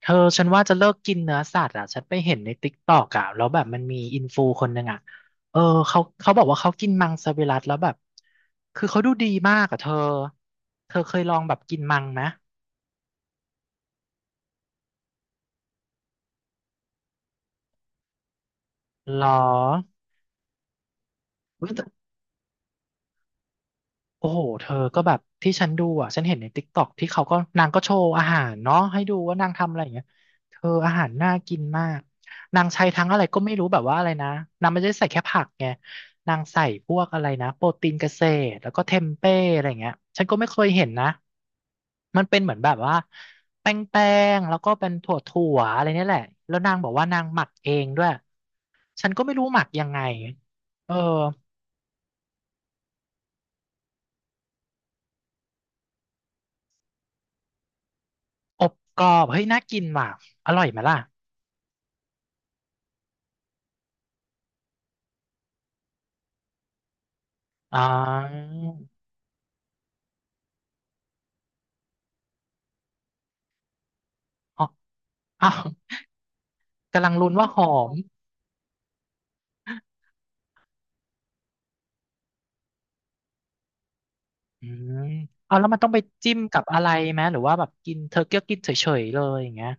เธอฉันว่าจะเลิกกินเนื้อสัตว์อ่ะฉันไปเห็นในติ๊กตอกอ่ะแล้วแบบมันมีอินฟูคนหนึ่งอ่ะเออเขาบอกว่าเขากินมังสวิรัติแล้วแบบคือเขาดูดีมากอ่ะเธอเธอเคยลองแบบกินมังไหมหรอ โอ้โหเธอก็แบบที่ฉันดูอ่ะ ฉันเห็นในติ๊กต็อกที่เขาก็นางก็โชว์อาหารเนาะให้ดูว่านางทำอะไรอย่างเงี้ยเธออาหารน่ากินมากนางใช้ทั้งอะไรก็ไม่รู้แบบว่าอะไรนะนางไม่ได้ใส่แค่ผักไงนางใส่พวกอะไรนะโปรตีนเกษตรแล้วก็เทมเป้อะไรอย่างเงี้ยฉันก็ไม่เคยเห็นนะมันเป็นเหมือนแบบว่าแป้งแล้วก็เป็นถั่วอะไรเนี่ยแหละแล้วนางบอกว่านางหมักเองด้วย ฉันก็ไม่รู้หมักยังไงเอออบกรอบเฮ้ยน่ากินว่ะ อร่อยไหมล่ะ อ่าอ๋ออ้าวกำลังลุ้นว่าหอมอืมเอาแล้วมันต้องไปจิ้มกับอะไรไหม หรือว่าแบบกินเธอเกี้ยวกินเฉยๆเลยอย่างเงี้ย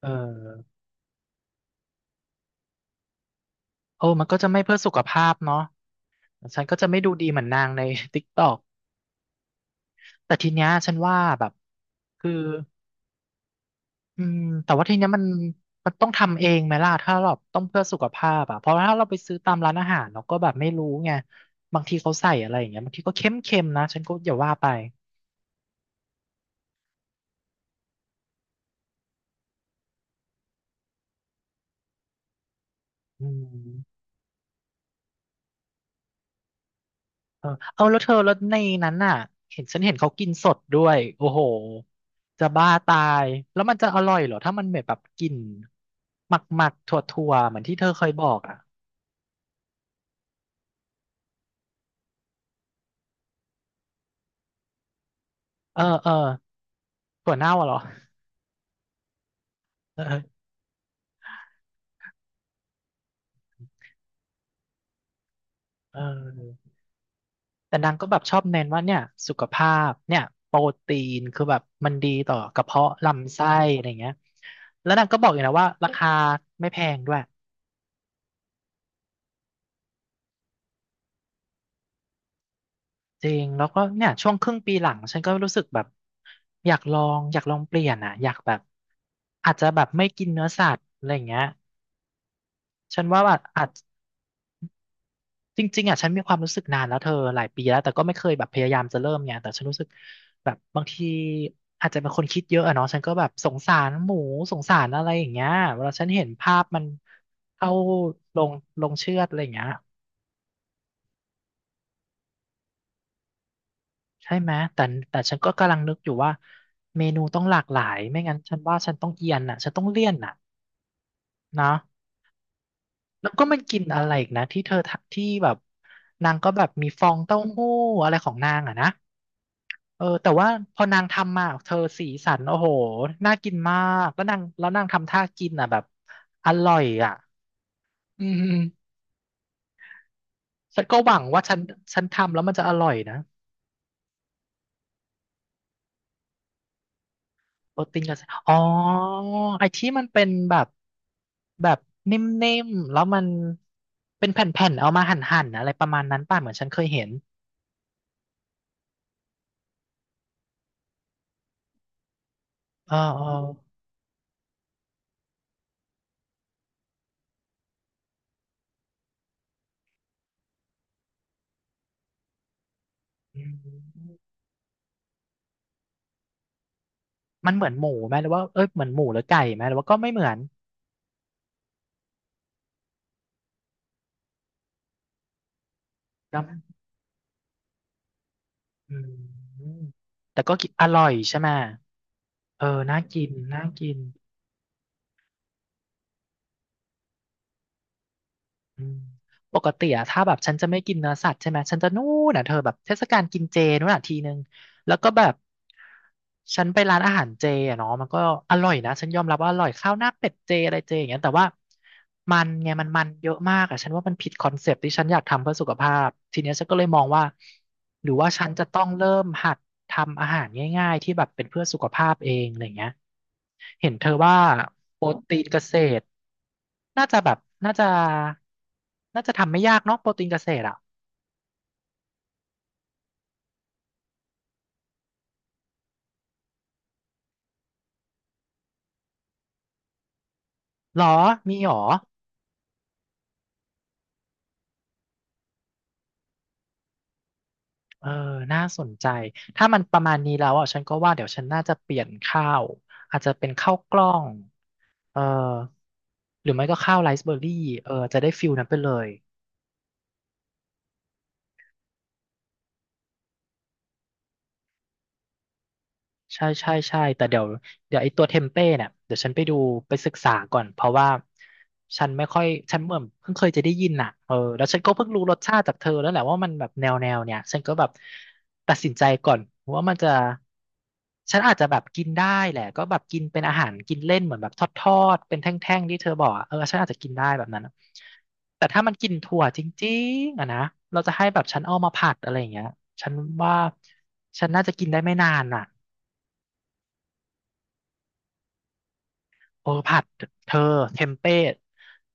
เออโอ้มันก็จะไม่เพื่อสุขภาพเนาะฉันก็จะไม่ดูดีเหมือนนางใน ติ๊กตอกแต่ทีเนี้ยฉันว่าแบบคืออืมแต่ว่าทีเนี้ยมันต้องทำเองไหมล่ะ ถ้าเราต้องเพื่อสุขภาพอะเพราะถ้าเราไปซื้อตามร้านอาหารเราก็แบบไม่รู้ไง บางทีเขาใส่อะไรอย่างเงี้ยบางทีก็เค็มๆนะฉันก็อย่าว่าไปอืม เออเอาแล้วเธอแล้วในนั้นน่ะเห็นฉันเห็นเขากินสดด้วย โอ้โห จะบ้าตาย แล้วมันจะอร่อยเหรอ ถ้ามันเหมือนแบบกลิ่นหมักหมักถั่วถั่วๆเหมือนที่เธอเคยบอกอ่ะเออเออถั่วเน่าอะเหรอ เออเออแต่นางก็แบบชอบเน้นว่าเนี่ยสุขภาพเนี่ยโปรตีนคือแบบมันดีต่อกระเพาะลำไส้อะไรเงี้ยแล้วนางก็บอกอีกนะว่าราคาไม่แพงด้วย จริงแล้วก็เนี่ยช่วงครึ่งปีหลังฉันก็รู้สึกแบบอยากลองเปลี่ยนอ่ะอยากแบบอาจจะแบบไม่กินเนื้อสัตว์อะไรอย่างเงี้ยฉันว่าแบบอาจจริงๆอ่ะฉันมีความรู้สึกนานแล้วเธอหลายปีแล้วแต่ก็ไม่เคยแบบพยายามจะเริ่มเนี่ยแต่ฉันรู้สึกแบบบางทีอาจจะเป็นคนคิดเยอะอะเนาะฉันก็แบบสงสารหมูสงสารอะไรอย่างเงี้ยเวลาฉันเห็นภาพมันเข้าลงลงเชือดอะไรอย่างเงี้ย ใช่ไหมแต่แต่ฉันก็กำลังนึกอยู่ว่าเมนูต้องหลากหลายไม่งั้นฉันว่าฉันต้องเอียนอ่ะฉันต้องเลี่ยนอ่ะนะแล้วก็มันกินอะไรอีกนะที่เธอทะที่แบบนางก็แบบมีฟองเต้าหู้อะไรของนางอ่ะนะเออแต่ว่าพอนางทำมาเธอสีสันโอ้โหน่ากินมากแล้วนางทำท่ากินอ่ะแบบอร่อยอ่ะอืมฉันก็หวังว่าฉันทำแล้วมันจะอร่อยนะ โปรตีนกับอ๋อไอ้ที่มันเป็นแบบแบบนิ่มๆแล้วมันเป็นแผ่นๆเอามาหั่นๆอะไรประมาณนั้นป่ะเหมือนฉันเคยเห็นเออเอออืมมันเหมือนหมูไหมหรือว่าเอ้ยเหมือนหมูหรือไก่ไหมหรือว่าก็ไม่เหมือนจำอืมแต่ก็กินอร่อยใช่ไหมเออน่ากินน่ากิน อืมปกติอะถ้าแบบฉันจะไม่กินเนื้อสัตว์ใช่ไหมฉันจะนู่นอะเธอแบบเทศกาลกินเจนู่นอะทีนึงแล้วก็แบบฉันไปร้านอาหารเจอะเนาะมันก็อร่อยนะฉันยอมรับว่าอร่อยข้าวหน้าเป็ดเจอะไรเจอย่างเงี้ยแต่ว่ามันไงมันเยอะมากอะฉันว่ามันผิดคอนเซปต์ที่ฉันอยากทำเพื่อสุขภาพทีเนี้ยฉันก็เลยมองว่าหรือว่าฉันจะต้องเริ่มหัดทำอาหารง่ายๆที่แบบเป็นเพื่อสุขภาพเองอะไรเงี้ย เห็นเธอว่าโปรตีนเกษตรน่าจะแบบน่าจะน่าจะทำไม่ยากเนาะโปรตีนเกษตรอ่ะหรอมีหรอเออน่าสนใจถ้ามันประมาณนี้แล้วอ่ะฉันก็ว่าเดี๋ยวฉันน่าจะเปลี่ยนข้าวอาจจะเป็นข้าวกล้องเออหรือไม่ก็ข้าวไรซ์เบอร์รี่เออจะได้ฟิลนั้นไปเลย ใช่ใช่ใช่แต่เดี๋ยวไอ้ตัวเทมเป้เนี่ยเดี๋ยวฉันไปดูไปศึกษาก่อนเพราะว่าฉันไม่ค่อยฉันเหมือนเพิ่งเคยจะได้ยินน่ะเออแล้วฉันก็เพิ่งรู้รสชาติจากเธอแล้วแหละว่ามันแบบแนวเนี่ยฉันก็แบบตัดสินใจก่อนว่ามันจะฉันอาจจะแบบกินได้แหละก็แบบกินเป็นอาหารกินเล่นเหมือนแบบทอดๆเป็นแท่งๆที่เธอบอกอะเออฉันอาจจะกินได้แบบนั้นอะแต่ถ้ามันกินถั่วจริงๆอะนะเราจะให้แบบฉันเอามาผัดอะไรอย่างเงี้ยฉันว่าฉันน่าจะกินได้ไม่นานน่ะ โอ้ผัดเธอเทมเป้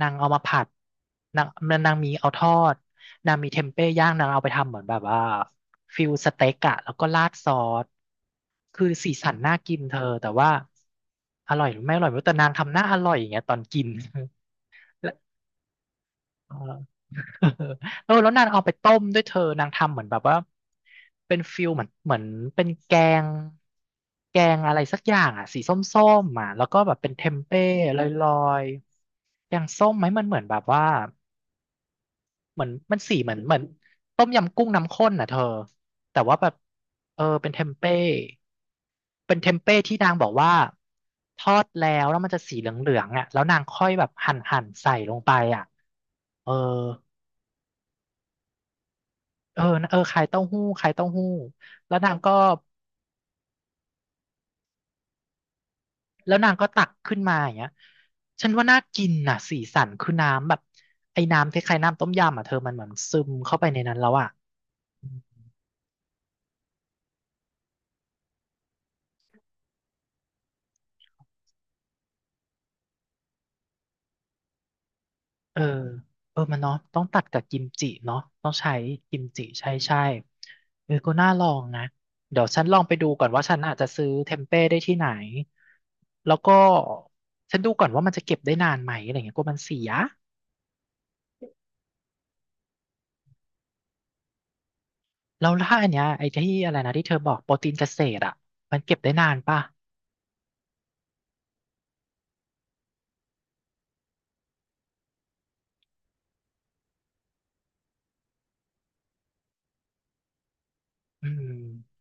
นางเอามาผัดนางนางมีเอาทอดนางมีเทมเป้ย่างนางเอาไปทำเหมือนแบบว่าฟิลสเต็กอะแล้วก็ราดซอสคือสีสันน่ากินเธอแต่ว่าอร่อยหรือไม่อร่อยไม่รู้แต่นางทำหน้าอร่อยอย่างเงี้ยตอนกิน และเออ เออแล้วนางเอาไปต้มด้วยเธอนางทำเหมือนแบบว่าเป็นฟิลเหมือนเหมือนเป็นแกงแกงอะไรสักอย่างอ่ะสีส้มๆอ่ะแล้วก็แบบเป็นเทมเป้ลอยๆแกงส้มไหมมันเหมือนแบบว่าเหมือนมันสีเหมือนเหมือนต้มยำกุ้งน้ำข้นน่ะเธอแต่ว่าแบบเออเป็นเทมเป้เป็นเทมเป้ที่นางบอกว่าทอดแล้วมันจะสีเหลืองๆอ่ะแล้วนางค่อยแบบหั่นใส่ลงไปอ่ะเออ เออเออขายเต้าหู้ขายเต้าหู้แล้วนางก็แล้วนางก็ตักขึ้นมาอย่างเงี้ยฉันว่าน่ากินน่ะสีสันคือน้ำแบบไอ้น้ำคล้ายๆน้ำต้มยำอ่ะเธอมันเหมือนซึมเข้าไปในนั้นแล้วอ่ะเออเออมันเนาะต้องตัดกับกิมจิเนาะต้องใช้กิมจิใช่ใช่เออก็น่าลองนะเดี๋ยวฉันลองไปดูก่อนว่าฉันอาจจะซื้อเทมเป้ได้ที่ไหนแล้วก็ฉันดูก่อนว่ามันจะเก็บได้นานไหมอะไรเงี้ยกลัวมันเสีย แล้วถ้าอันเนี้ยไอ้ที่อะไรนะที่เธอบอกโปรตีนเกษตรอ่ะมันเก็บได้นานป่ะอืม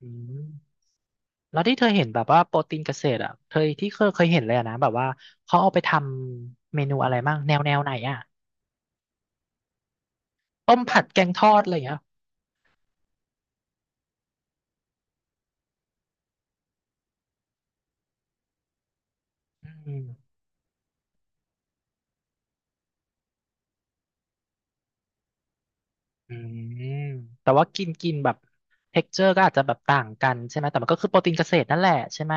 อืมแล้วที่เธอเห็นแบบว่าโปรตีนเกษตรอ่ะเธอที่เคยเห็นเลยอะนะแบบว่าเขาเอาไปทำเมนูอะไรบ้างแนวไหนอ่ะต้มผัดแกงทอดอะไรอย่างเงี้ยอืมอืมแต่ว่ากินกินแบบเท็กเจอร์ก็อาจจะแบบต่างกันใช่ไหมแต่มันก็คือโปรตีนเกษตรนั่นแหละใช่ไหม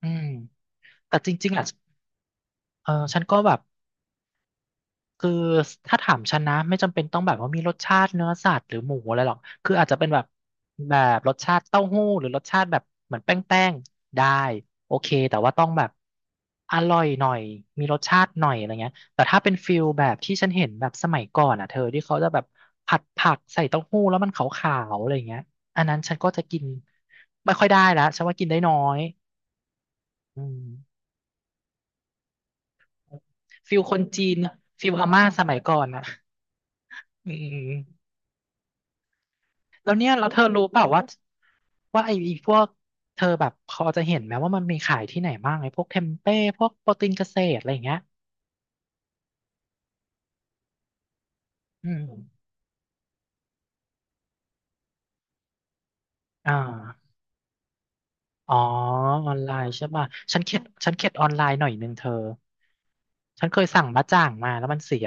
อืมแต่จริงๆอ่ะเออฉันก็แบบ คือถ้าถามฉันนะไม่จำเป็นต้องแบบว่ามีรสชาติเนื้อสัตว์หรือหมูอะไรหรอกคืออาจจะเป็นแบบแบบรสชาติเต้าหู้หรือรสชาติแบบเหมือนแป้งแป้งได้โอเคแต่ว่าต้องแบบอร่อยหน่อยมีรสชาติหน่อยอะไรเงี้ยแต่ถ้าเป็นฟิลแบบที่ฉันเห็นแบบสมัยก่อนอ่ะเธอที่เขาจะแบบผัดผักใส่เต้าหู้แล้วมันขาวๆอะไรเงี้ยอันนั้นฉันก็จะกินไม่ค่อยได้แล้วฉันว่ากินได้น้อยอืมฟิลคนจีนฟิลอาม่าสมัยก่อนอ่ะอืม แล้วเนี่ยเราเธอรู้เปล่าว่าว่าไอ้พวกเธอแบบพอจะเห็นไหมว่ามันมีขายที่ไหนบ้างไอ้พวกเทมเป้พวกโปรตีนเกษตรอะไรอย่างเงี้ยอืมอ่าอ๋อออนไลน์ใช่ป่ะฉันเข็ดออนไลน์หน่อยนึงเธอฉันเคยสั่งบะจ่างมาแล้วมันเสีย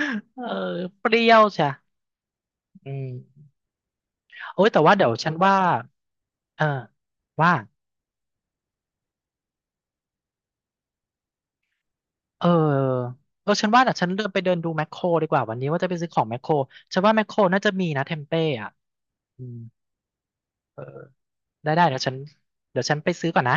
เออเปรี้ยวใช่อืมโอ้ยแต่ว่าเดี๋ยวฉันว่าเออว่าเออเออฉันว่าแต่ฉันเดินไปเดินดูแมคโครดีกว่าวันนี้ว่าจะไปซื้อของแมคโครฉันว่าแมคโครน่าจะมีนะเทมเป้อะอืม เออได้ได้เดี๋ยวฉันไปซื้อก่อนนะ